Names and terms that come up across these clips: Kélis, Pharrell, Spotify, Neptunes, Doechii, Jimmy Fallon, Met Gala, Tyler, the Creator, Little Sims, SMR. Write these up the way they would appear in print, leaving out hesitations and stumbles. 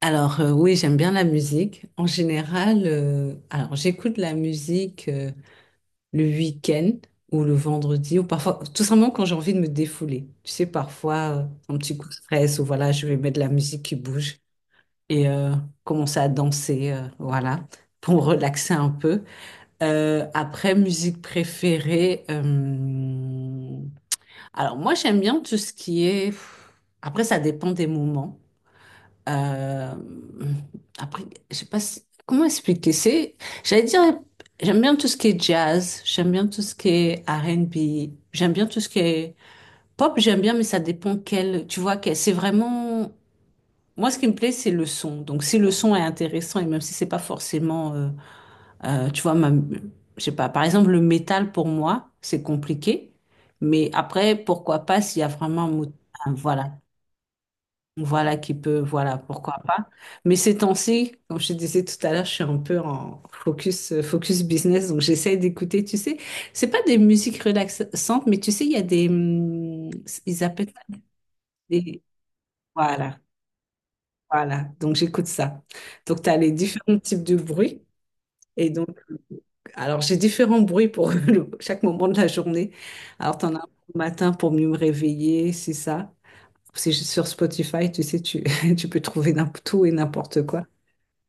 Alors oui, j'aime bien la musique. En général, alors j'écoute la musique le week-end ou le vendredi ou parfois tout simplement quand j'ai envie de me défouler. Tu sais, parfois un petit coup de stress ou voilà, je vais mettre de la musique qui bouge et commencer à danser, voilà, pour me relaxer un peu. Après, musique préférée. Alors moi, j'aime bien tout ce qui est. Après, ça dépend des moments. Euh, après, je sais pas comment expliquer. C'est, j'allais dire, j'aime bien tout ce qui est jazz, j'aime bien tout ce qui est R&B, j'aime bien tout ce qui est pop, j'aime bien, mais ça dépend quel. Tu vois, quel, c'est vraiment. Moi, ce qui me plaît, c'est le son. Donc, si le son est intéressant et même si c'est pas forcément, tu vois, ma, je sais pas. Par exemple, le métal pour moi, c'est compliqué. Mais après, pourquoi pas s'il y a vraiment un mot, voilà, voilà qui peut, voilà, pourquoi pas. Mais ces temps-ci, comme je te disais tout à l'heure, je suis un peu en focus, focus business, donc j'essaie d'écouter, tu sais, c'est pas des musiques relaxantes, mais tu sais, il y a des, ils appellent ça des, voilà, voilà, donc j'écoute ça. Donc tu as les différents types de bruits, et donc, alors j'ai différents bruits pour chaque moment de la journée. Alors tu en as un au matin pour mieux me réveiller, c'est ça. C'est juste sur Spotify, tu sais, tu, tu peux trouver n'importe tout et n'importe quoi.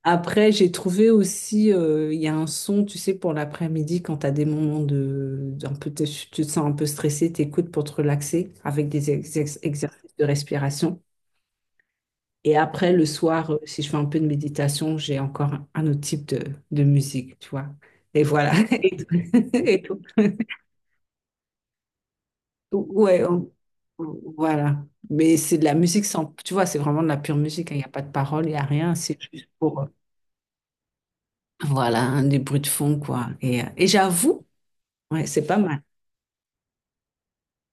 Après, j'ai trouvé aussi, il y a un son, tu sais, pour l'après-midi, quand tu as des moments de, un peu, tu te sens un peu stressé, t'écoutes pour te relaxer avec des exercices de respiration. Et après, le soir, si je fais un peu de méditation, j'ai encore un autre type de musique, tu vois. Et voilà. Et tout. Et tout. Ouais, voilà. Mais c'est de la musique sans, tu vois, c'est vraiment de la pure musique, hein. Il n'y a pas de parole, il n'y a rien. C'est juste pour, voilà, un des bruits de fond, quoi. Et j'avoue, ouais, c'est pas mal.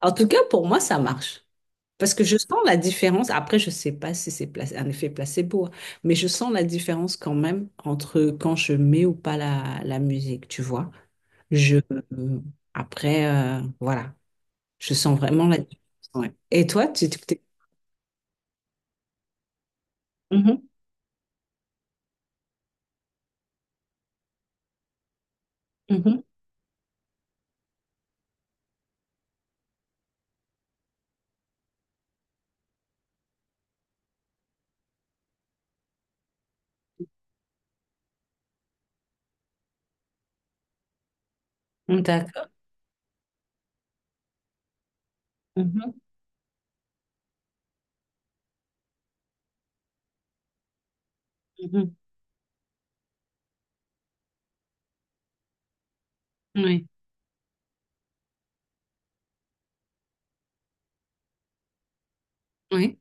En tout cas, pour moi, ça marche. Parce que je sens la différence. Après, je sais pas si c'est un effet placebo, hein, mais je sens la différence quand même entre quand je mets ou pas la musique, tu vois. Je, euh, après, voilà, je sens vraiment la différence. Ouais. Et toi, t'es. Mhm, mhm, d'accord. Mhm, mhm. Oui, oui.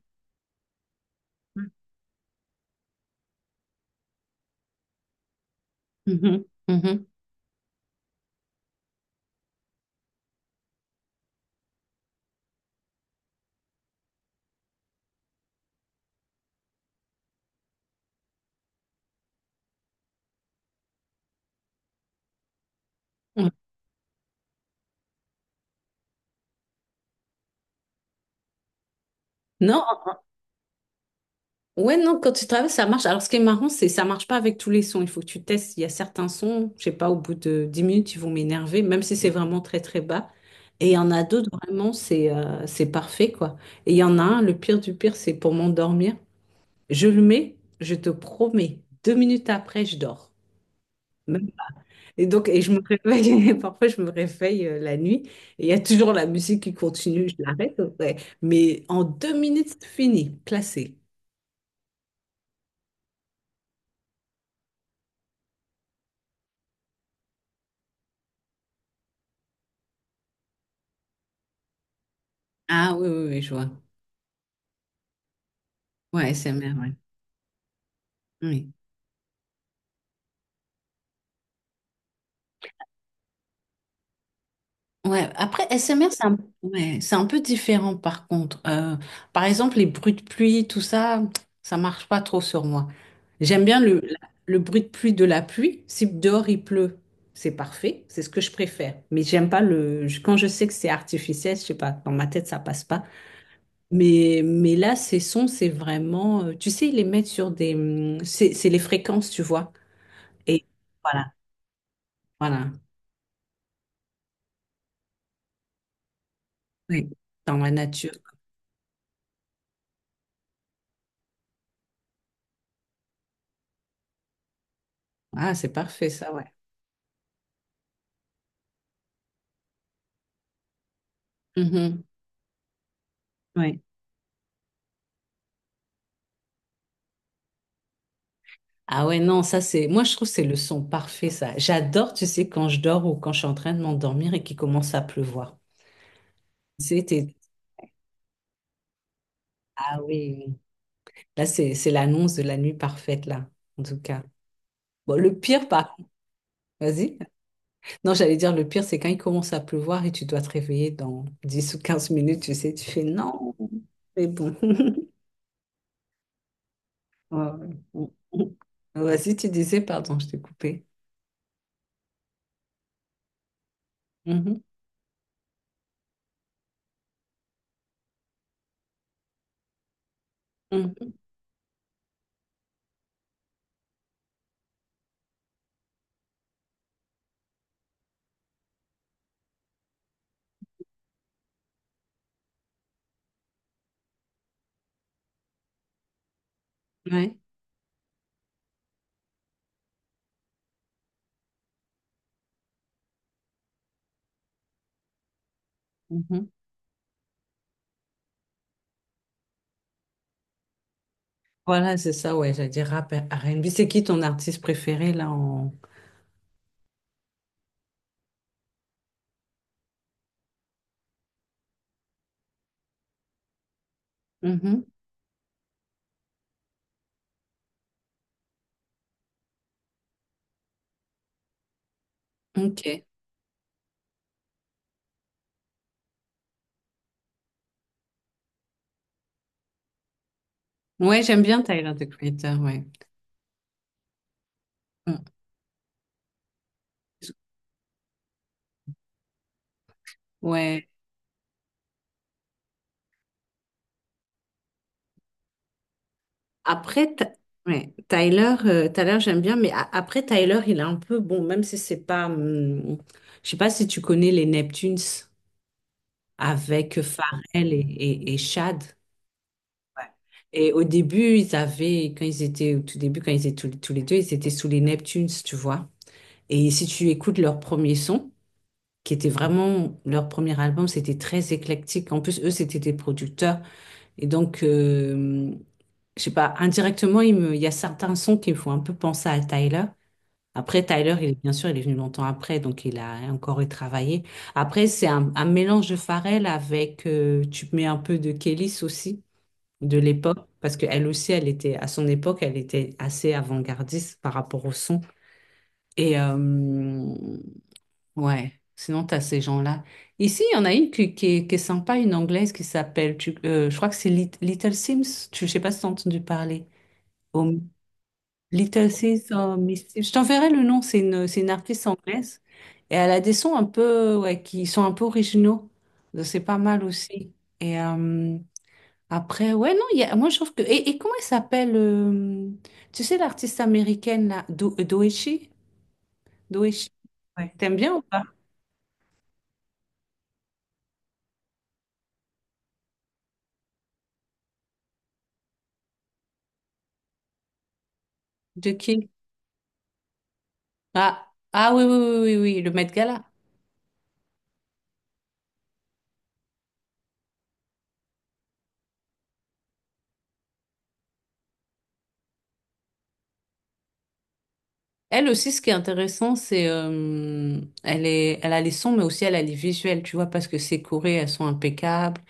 Mhm, mhm. Mhm. Ouais. Non, ouais, non, quand tu travailles, ça marche. Alors, ce qui est marrant, c'est ça marche pas avec tous les sons. Il faut que tu testes. Il y a certains sons, je sais pas, au bout de 10 minutes, ils vont m'énerver, même si c'est vraiment très, très bas. Et il y en a d'autres, vraiment, c'est parfait, quoi. Et il y en a un, le pire du pire, c'est pour m'endormir. Je le mets, je te promets, deux minutes après, je dors. Même- Et donc, et je me réveille, parfois, je me réveille la nuit, et il y a toujours la musique qui continue, je l'arrête, ouais. Mais en deux minutes, c'est fini, classé. Ah oui, oui, oui, je vois. Ouais, S M R, ouais. Oui. Ouais, après, S M R c'est un. Ouais, c'est un peu différent par contre. Par exemple, les bruits de pluie, tout ça, ça marche pas trop sur moi. J'aime bien le bruit de pluie de la pluie. Si dehors il pleut, c'est parfait, c'est ce que je préfère. Mais j'aime pas le. Quand je sais que c'est artificiel, je sais pas, dans ma tête, ça passe pas. Mais là, ces sons, c'est vraiment. Tu sais, ils les mettent sur des. C'est les fréquences, tu vois. Et voilà, voilà. Oui, dans la nature. Ah, c'est parfait ça, ouais. Mhm, ouais. Ah ouais, non, ça c'est. Moi, je trouve que c'est le son parfait, ça. J'adore, tu sais, quand je dors ou quand je suis en train de m'endormir et qu'il commence à pleuvoir. C'était. Ah oui, là, c'est l'annonce de la nuit parfaite, là, en tout cas. Bon, le pire, par contre, vas-y. Non, j'allais dire, le pire, c'est quand il commence à pleuvoir et tu dois te réveiller dans 10 ou 15 minutes, tu sais, tu fais non, mais bon. Ouais, ouais. Vas-y, tu disais, pardon, je t'ai coupé. Mhm, mhm, ouais. Voilà, c'est ça, ouais, j'allais dire rap, R&B. C'est qui ton artiste préféré, là, en. Mhm, ok. Ouais, j'aime bien Tyler, the Creator, ouais. Mm. Ouais. Après, Ty- ouais, Tyler, Tyler, j'aime bien, mais après, Tyler, il est un peu, bon, même si c'est pas. Je sais pas si tu connais les Neptunes avec Pharrell et Chad. Ouais. Et au début, ils avaient, quand ils étaient, au tout début, quand ils étaient tous les deux, ils étaient sous les Neptunes, tu vois. Et si tu écoutes leur premier son, qui était vraiment leur premier album, c'était très éclectique. En plus, eux, c'était des producteurs. Et donc, je sais pas, indirectement, il y a certains sons qui me font un peu penser à Tyler. Après, Tyler, il est, bien sûr, il est venu longtemps après, donc il a encore retravaillé. Après, c'est un mélange de Pharrell avec, tu mets un peu de Kélis aussi, de l'époque, parce qu'elle aussi, elle était, à son époque, elle était assez avant-gardiste par rapport au son. Et, ouais, sinon tu as ces gens-là. Ici, il y en a une qui est sympa, une anglaise qui s'appelle, je crois que c'est Little Sims, tu, je sais pas si tu as entendu parler. Oh, Little Sims, oh, Miss Sims. Je t'enverrai le nom, c'est une artiste anglaise et elle a des sons un peu, ouais, qui sont un peu originaux. Donc, c'est pas mal aussi. Et après, ouais, non, il y a, moi je trouve que. Et comment elle s'appelle tu sais l'artiste américaine là, Doechii? Doechii, ouais. T'aimes bien ou pas? De qui? Ah, ah oui, oui, oui, oui, oui, le Met Gala. Elle aussi, ce qui est intéressant, c'est elle est, elle a les sons, mais aussi elle a les visuels, tu vois, parce que ses chorés, elles sont impeccables.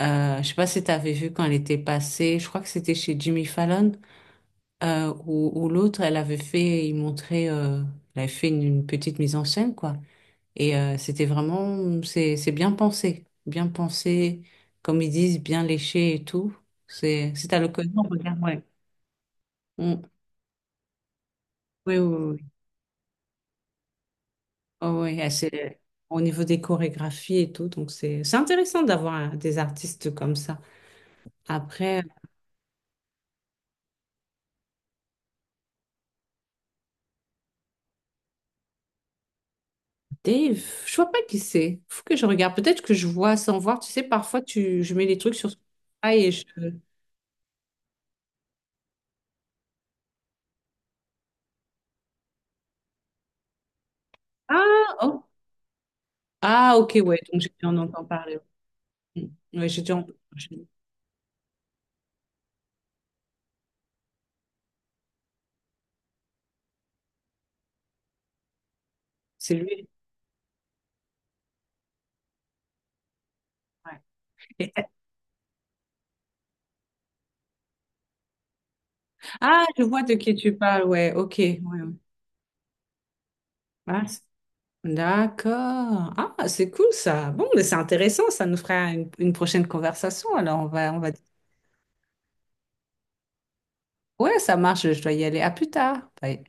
Je sais pas si t'avais vu quand elle était passée, je crois que c'était chez Jimmy Fallon, ou où l'autre, elle avait fait, il montrait, elle avait fait une petite mise en scène, quoi. Et c'était vraiment, c'est bien pensé, comme ils disent, bien léché et tout. C'est à l'occasion, regarde, ouais. Mm. Oui, oui, oui. Oh oui, et c'est au niveau des chorégraphies et tout, donc c'est intéressant d'avoir des artistes comme ça. Après, Dave, je vois pas qui c'est. Faut que je regarde. Peut-être que je vois sans voir. Tu sais, parfois tu, je mets les trucs sur Spotify et je. Ah, oh. Ah, ok, ouais. Donc j'ai dû en entendre parler. Mm. Ouais, j'ai dû en- je- c'est lui. Ouais. Et- Ah, je vois de qui tu parles. Ouais, ok. Ouais, ouais. Ah, d'accord. Ah, c'est cool ça. Bon, mais c'est intéressant. Ça nous fera une prochaine conversation. Alors on va ouais, ça marche, je dois y aller. À plus tard. Bye.